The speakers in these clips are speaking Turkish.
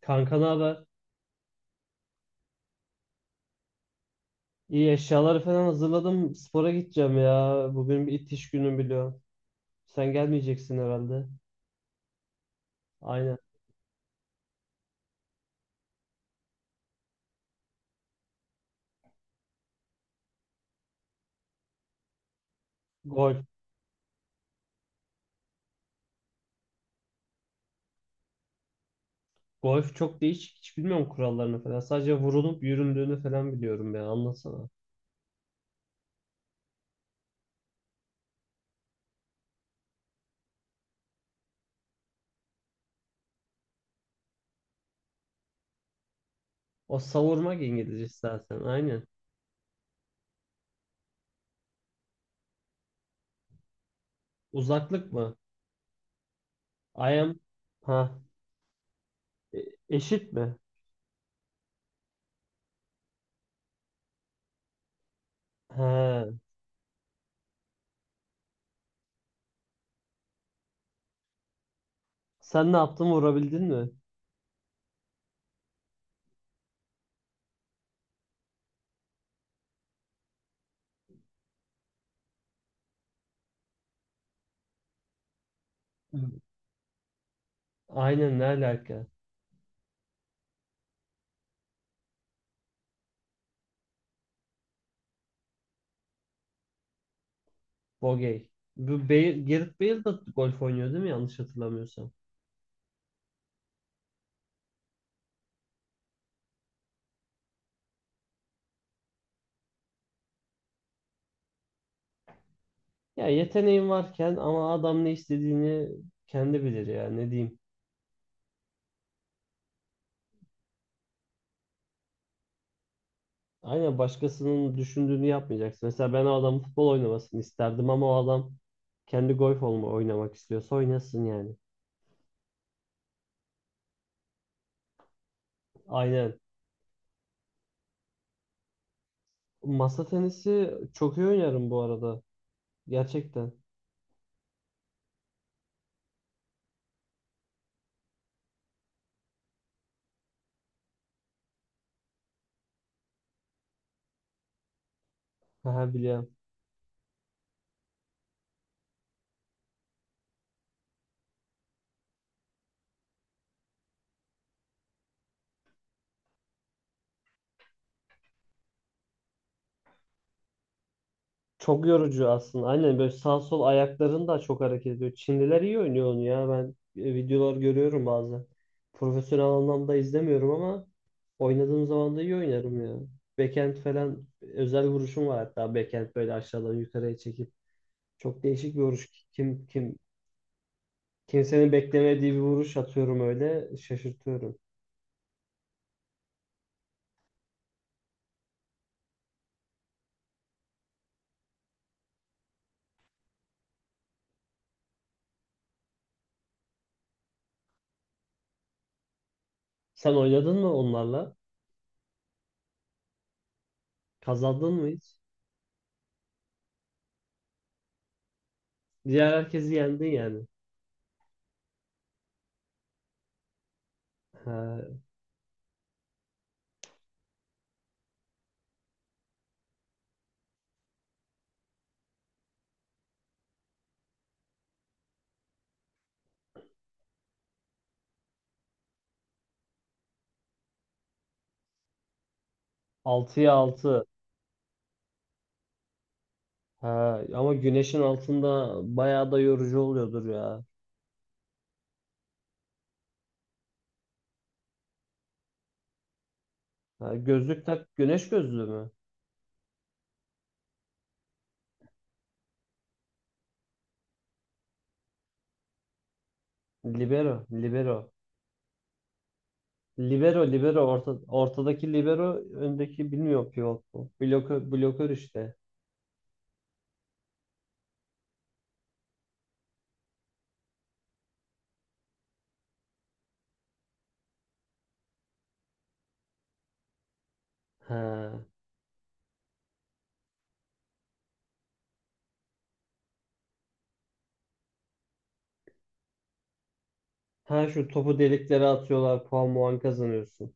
Kanka ne haber? İyi, eşyaları falan hazırladım. Spora gideceğim ya. Bugün bir itiş günü biliyorum. Sen gelmeyeceksin herhalde. Aynen. Golf. Golf çok değişik. Hiç bilmiyorum kurallarını falan. Sadece vurulup yüründüğünü falan biliyorum ya. Anlatsana. O savurmak İngilizcesi zaten. Aynen. Uzaklık mı? I am... Ha. Eşit mi? He. Sen ne yaptın? Vurabildin mi? Hı. Aynen, ne alaka? Bogey. Bu Bale, Gareth Bale da golf oynuyor değil mi? Yanlış hatırlamıyorsam. Ya yeteneğin varken ama adam ne istediğini kendi bilir ya, ne diyeyim. Aynen, başkasının düşündüğünü yapmayacaksın. Mesela ben o adamın futbol oynamasını isterdim ama o adam kendi golf olma oynamak istiyorsa oynasın yani. Aynen. Masa tenisi çok iyi oynarım bu arada. Gerçekten. Haha, biliyorum. Çok yorucu aslında. Aynen, böyle sağ sol ayakların da çok hareket ediyor. Çinliler iyi oynuyor onu ya. Ben videolar görüyorum bazen. Profesyonel anlamda izlemiyorum ama oynadığım zaman da iyi oynarım ya. Backhand falan özel vuruşum var hatta. Backhand böyle aşağıdan yukarıya çekip. Çok değişik bir vuruş. Kimsenin beklemediği bir vuruş atıyorum, öyle şaşırtıyorum. Sen oynadın mı onlarla? Kazandın mı hiç? Diğer herkesi yendin yani. Ha, 6'ya 6. Ha, ama güneşin altında bayağı da yorucu oluyordur ya. Ha, gözlük tak, güneş gözlüğü mü? Libero, libero. Libero, libero. Orta, ortadaki libero, öndeki bilmiyorum, pivot mu? Blokör, blokör işte. Ha. Ha, şu topu deliklere atıyorlar, puan muan kazanıyorsun.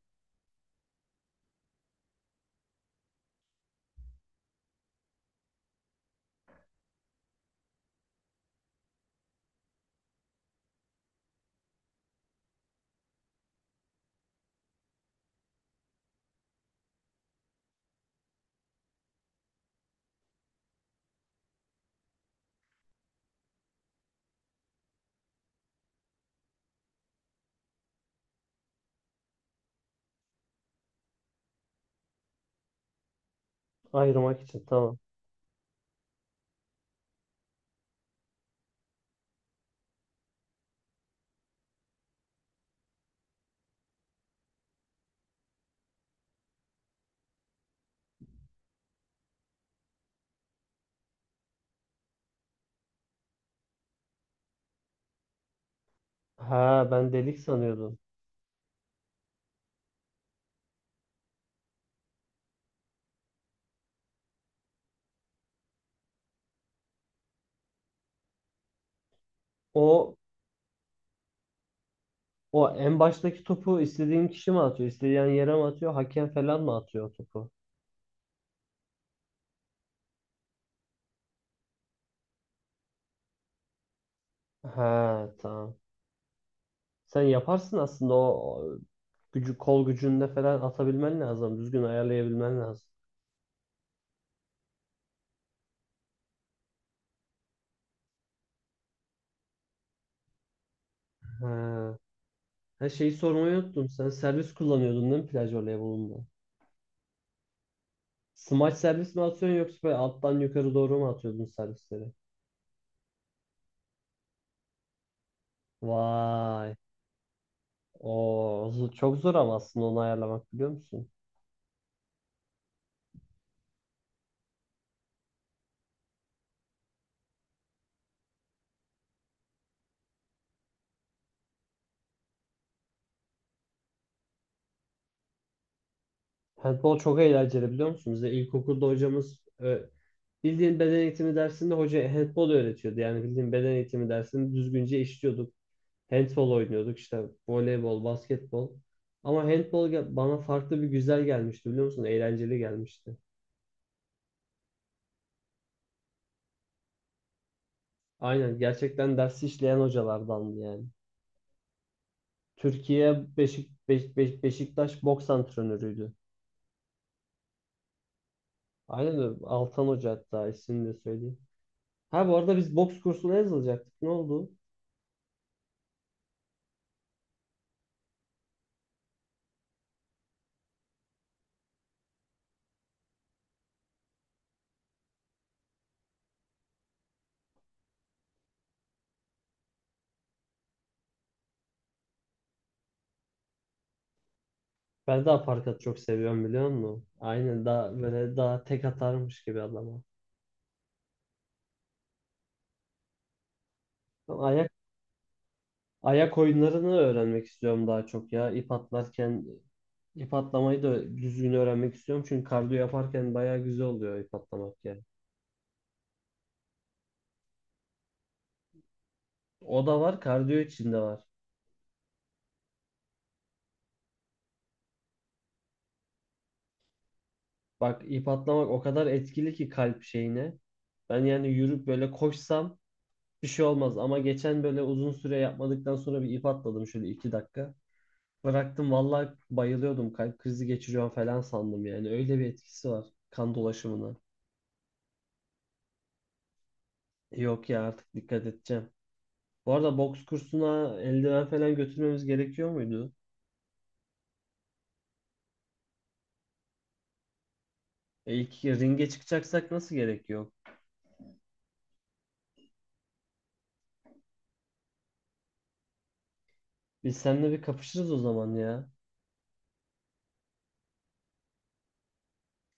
Ayırmak için, tamam. Ha, ben delik sanıyordum. O, o en baştaki topu istediğin kişi mi atıyor? İstediğin yere mi atıyor? Hakem falan mı atıyor o topu? Ha, tamam. Sen yaparsın aslında, o gücü kol gücünde falan atabilmen lazım. Düzgün ayarlayabilmen lazım. Ha. Her şeyi sormayı unuttum. Sen servis kullanıyordun değil mi plaj voleybolunda? Smaç servis mi atıyorsun, yoksa böyle alttan yukarı doğru mu atıyordun servisleri? Vay. O çok zor ama, aslında onu ayarlamak, biliyor musun? Handball çok eğlenceli, biliyor musun? Bize ilkokulda hocamız bildiğin beden eğitimi dersinde hoca handball öğretiyordu. Yani bildiğin beden eğitimi dersini düzgünce işliyorduk. Handball oynuyorduk işte, voleybol, basketbol. Ama handball bana farklı bir güzel gelmişti, biliyor musun? Eğlenceli gelmişti. Aynen, gerçekten dersi işleyen hocalardandı yani. Türkiye Beşiktaş boks antrenörüydü. Aynen öyle. Altan Hoca, hatta ismini de söyleyeyim. Ha, bu arada biz boks kursuna yazılacaktık. Ne oldu? Ben daha parkat çok seviyorum, biliyor musun? Aynen, daha böyle daha tek atarmış gibi adama. Ama ayak oyunlarını öğrenmek istiyorum daha çok ya. İp atlarken ip atlamayı da düzgün öğrenmek istiyorum. Çünkü kardiyo yaparken bayağı güzel oluyor ip atlamak yani. O da var, kardiyo içinde var. Bak, ip atlamak o kadar etkili ki kalp şeyine. Ben yani yürüp böyle koşsam bir şey olmaz. Ama geçen böyle uzun süre yapmadıktan sonra bir ip atladım şöyle iki dakika. Bıraktım, vallahi bayılıyordum. Kalp krizi geçiriyorum falan sandım yani. Öyle bir etkisi var kan dolaşımına. Yok ya, artık dikkat edeceğim. Bu arada, boks kursuna eldiven falan götürmemiz gerekiyor muydu? E ilk ringe çıkacaksak nasıl gerek yok? Biz seninle bir kapışırız o zaman ya.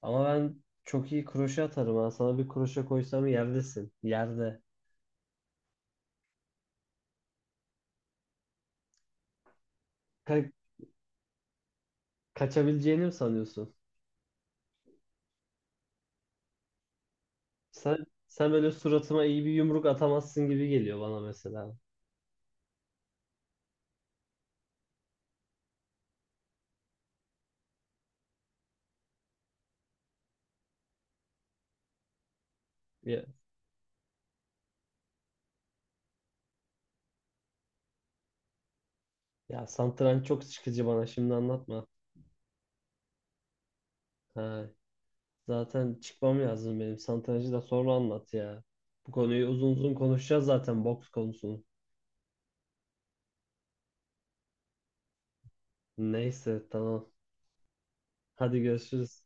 Ama ben çok iyi kroşe atarım ha. Sana bir kroşe koysam yerdesin. Yerde. Ka- kaçabileceğini mi sanıyorsun? Sen böyle suratıma iyi bir yumruk atamazsın gibi geliyor bana mesela. Ya, ya satranç çok sıkıcı, bana şimdi anlatma. Ha, zaten çıkmam lazım benim. Satrancı da sonra anlat ya. Bu konuyu uzun uzun konuşacağız zaten, boks konusunu. Neyse, tamam. Hadi görüşürüz.